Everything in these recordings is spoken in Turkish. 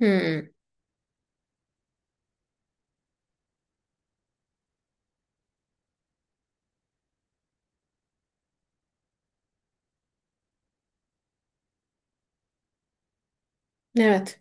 Hmm, evet.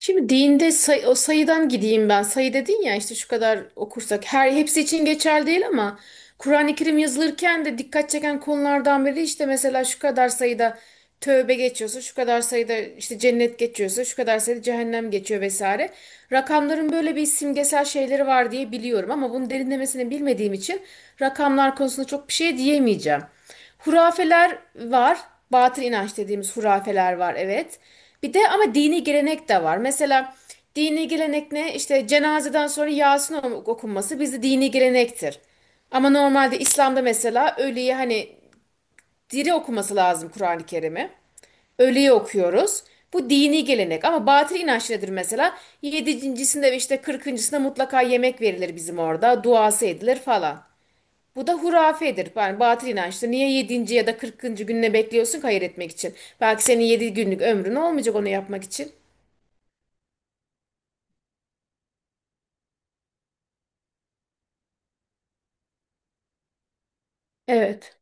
Şimdi dinde o sayıdan gideyim ben. Sayı dedin ya işte şu kadar okursak. Her hepsi için geçerli değil ama Kur'an-ı Kerim yazılırken de dikkat çeken konulardan biri işte mesela şu kadar sayıda tövbe geçiyorsa, şu kadar sayıda işte cennet geçiyorsa, şu kadar sayıda cehennem geçiyor vesaire. Rakamların böyle bir simgesel şeyleri var diye biliyorum ama bunun derinlemesine bilmediğim için rakamlar konusunda çok bir şey diyemeyeceğim. Hurafeler var. Batıl inanç dediğimiz hurafeler var, evet. Bir de ama dini gelenek de var. Mesela dini gelenek ne? İşte cenazeden sonra Yasin okunması bizde dini gelenektir. Ama normalde İslam'da mesela ölüye hani diri okuması lazım Kur'an-ı Kerim'i. Ölüye okuyoruz. Bu dini gelenek ama batıl inanç nedir mesela? Yedincisinde ve işte kırkıncısında mutlaka yemek verilir bizim orada. Duası edilir falan. Bu da hurafedir. Yani batıl inançtır. Niye yedinci ya da 40. gününe bekliyorsun ki hayır etmek için? Belki senin 7 günlük ömrün olmayacak onu yapmak için. Evet.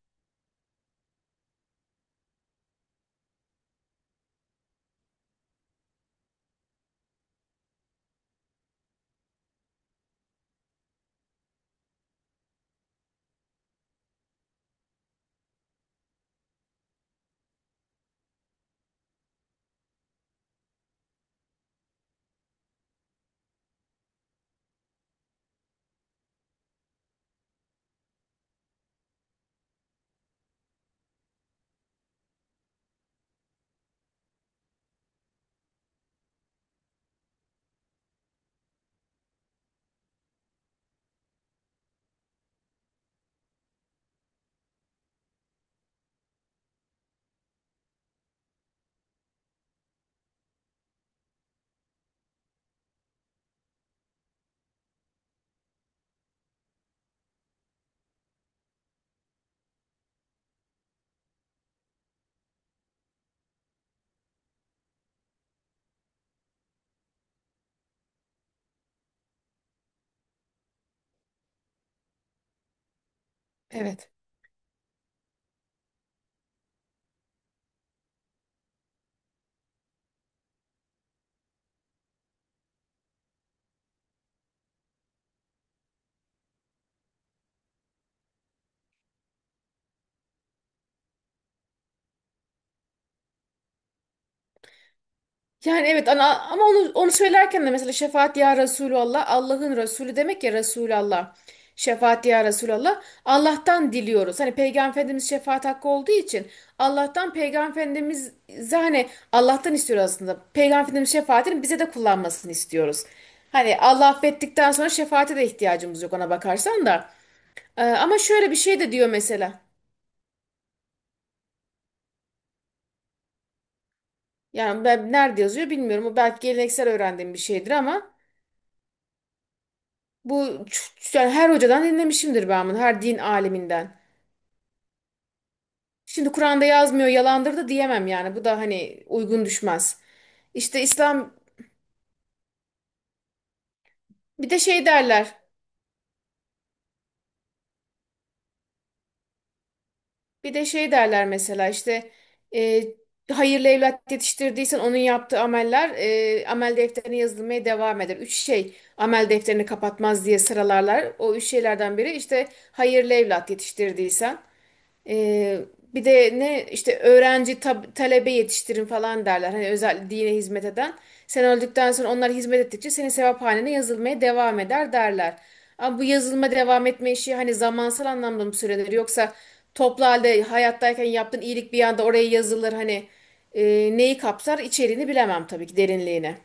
Evet. Yani evet ana, ama onu söylerken de mesela şefaat ya Resulallah Allah'ın Resulü demek ya Resulallah. Şefaat ya Resulallah Allah'tan diliyoruz. Hani Peygamber Efendimiz şefaat hakkı olduğu için Allah'tan Peygamber Efendimiz hani Allah'tan istiyoruz aslında. Peygamber Efendimiz şefaatini bize de kullanmasını istiyoruz. Hani Allah affettikten sonra şefaate de ihtiyacımız yok ona bakarsan da. Ama şöyle bir şey de diyor mesela. Yani ben nerede yazıyor bilmiyorum. O belki geleneksel öğrendiğim bir şeydir ama. Yani her hocadan dinlemişimdir ben bunu, her din aliminden. Şimdi Kur'an'da yazmıyor, yalandır da diyemem yani. Bu da hani uygun düşmez. İşte İslam bir de şey derler. Bir de şey derler mesela işte e, hayırlı evlat yetiştirdiysen onun yaptığı ameller, amel defterine yazılmaya devam eder. Üç şey amel defterini kapatmaz diye sıralarlar. O üç şeylerden biri işte hayırlı evlat yetiştirdiysen. Ee, bir de ne işte öğrenci talebe yetiştirin falan derler. Hani özel dine hizmet eden. Sen öldükten sonra onlar hizmet ettikçe senin sevaphanene yazılmaya devam eder derler. Ama bu yazılma devam etme işi hani zamansal anlamda mı süredir yoksa toplu halde hayattayken yaptığın iyilik bir anda oraya yazılır hani e, neyi kapsar içeriğini bilemem tabii ki derinliğine.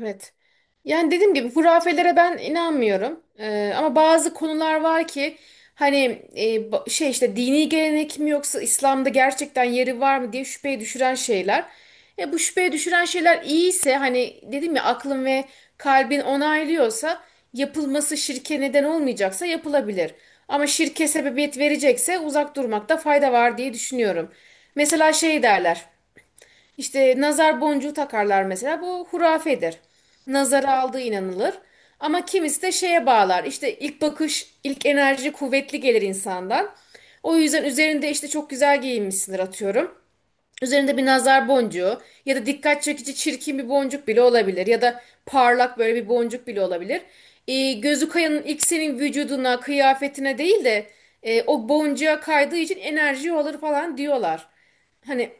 Evet. Yani dediğim gibi hurafelere ben inanmıyorum. Ama bazı konular var ki hani şey işte dini gelenek mi yoksa İslam'da gerçekten yeri var mı diye şüpheye düşüren şeyler. Bu şüpheye düşüren şeyler iyiyse hani dedim ya aklın ve kalbin onaylıyorsa yapılması şirke neden olmayacaksa yapılabilir. Ama şirke sebebiyet verecekse uzak durmakta fayda var diye düşünüyorum. Mesela şey derler. İşte nazar boncuğu takarlar mesela. Bu hurafedir. Nazara aldığı inanılır. Ama kimisi de şeye bağlar. İşte ilk bakış, ilk enerji kuvvetli gelir insandan. O yüzden üzerinde işte çok güzel giyinmişsindir atıyorum. Üzerinde bir nazar boncuğu ya da dikkat çekici çirkin bir boncuk bile olabilir. Ya da parlak böyle bir boncuk bile olabilir. Gözü kayanın ilk senin vücuduna, kıyafetine değil de o boncuğa kaydığı için enerji olur falan diyorlar. Hani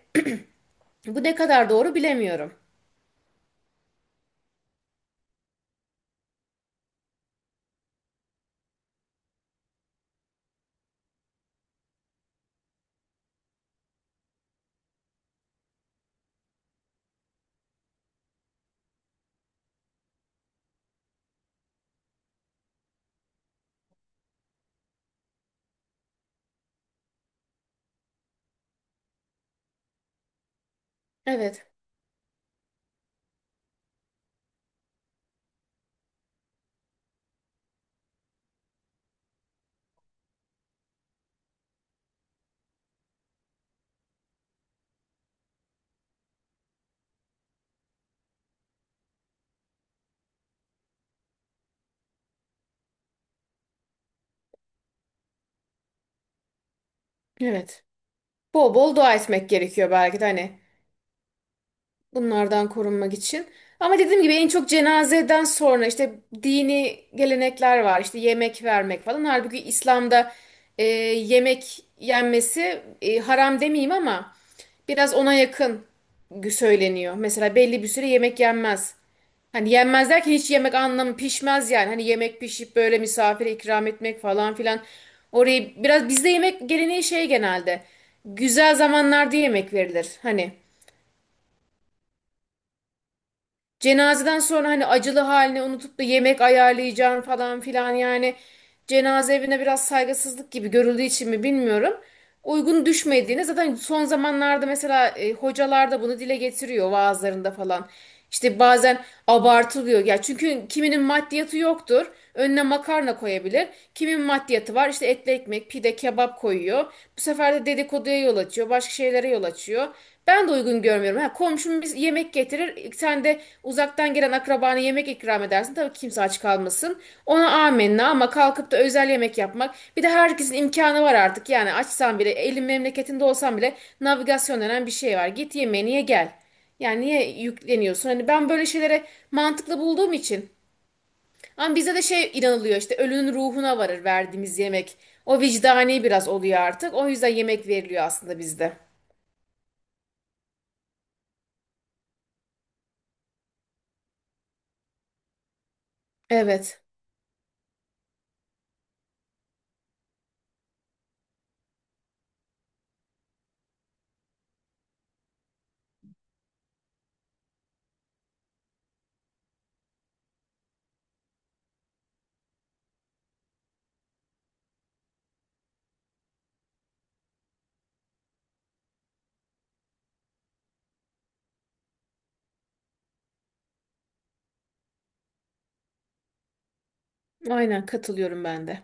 bu ne kadar doğru bilemiyorum. Evet. Evet. Bol bol dua etmek gerekiyor belki de hani, bunlardan korunmak için. Ama dediğim gibi en çok cenazeden sonra işte dini gelenekler var. İşte yemek vermek falan. Halbuki İslam'da e, yemek yenmesi, haram demeyeyim ama biraz ona yakın söyleniyor. Mesela belli bir süre yemek yenmez. Hani yenmez derken hiç yemek anlamı pişmez yani. Hani yemek pişip böyle misafire ikram etmek falan filan. Orayı biraz bizde yemek geleneği şey genelde. Güzel zamanlarda yemek verilir. Hani cenazeden sonra hani acılı halini unutup da yemek ayarlayacağım falan filan yani cenaze evine biraz saygısızlık gibi görüldüğü için mi bilmiyorum. Uygun düşmediğini zaten son zamanlarda mesela hocalar da bunu dile getiriyor vaazlarında falan. İşte bazen abartılıyor ya çünkü kiminin maddiyatı yoktur. Önüne makarna koyabilir. Kimin maddiyatı var? İşte etli ekmek, pide, kebap koyuyor. Bu sefer de dedikoduya yol açıyor, başka şeylere yol açıyor. Ben de uygun görmüyorum. Ha, komşum biz yemek getirir. Sen de uzaktan gelen akrabana yemek ikram edersin. Tabii kimse aç kalmasın. Ona amenna, ama kalkıp da özel yemek yapmak. Bir de herkesin imkanı var artık. Yani açsan bile, elin memleketinde olsan bile navigasyon denen bir şey var. Git yemeğini ye gel. Yani niye yükleniyorsun? Hani ben böyle şeylere mantıklı bulduğum için. Ama bize de şey inanılıyor, işte ölünün ruhuna varır verdiğimiz yemek. O vicdani biraz oluyor artık. O yüzden yemek veriliyor aslında bizde. Evet. Aynen katılıyorum ben de.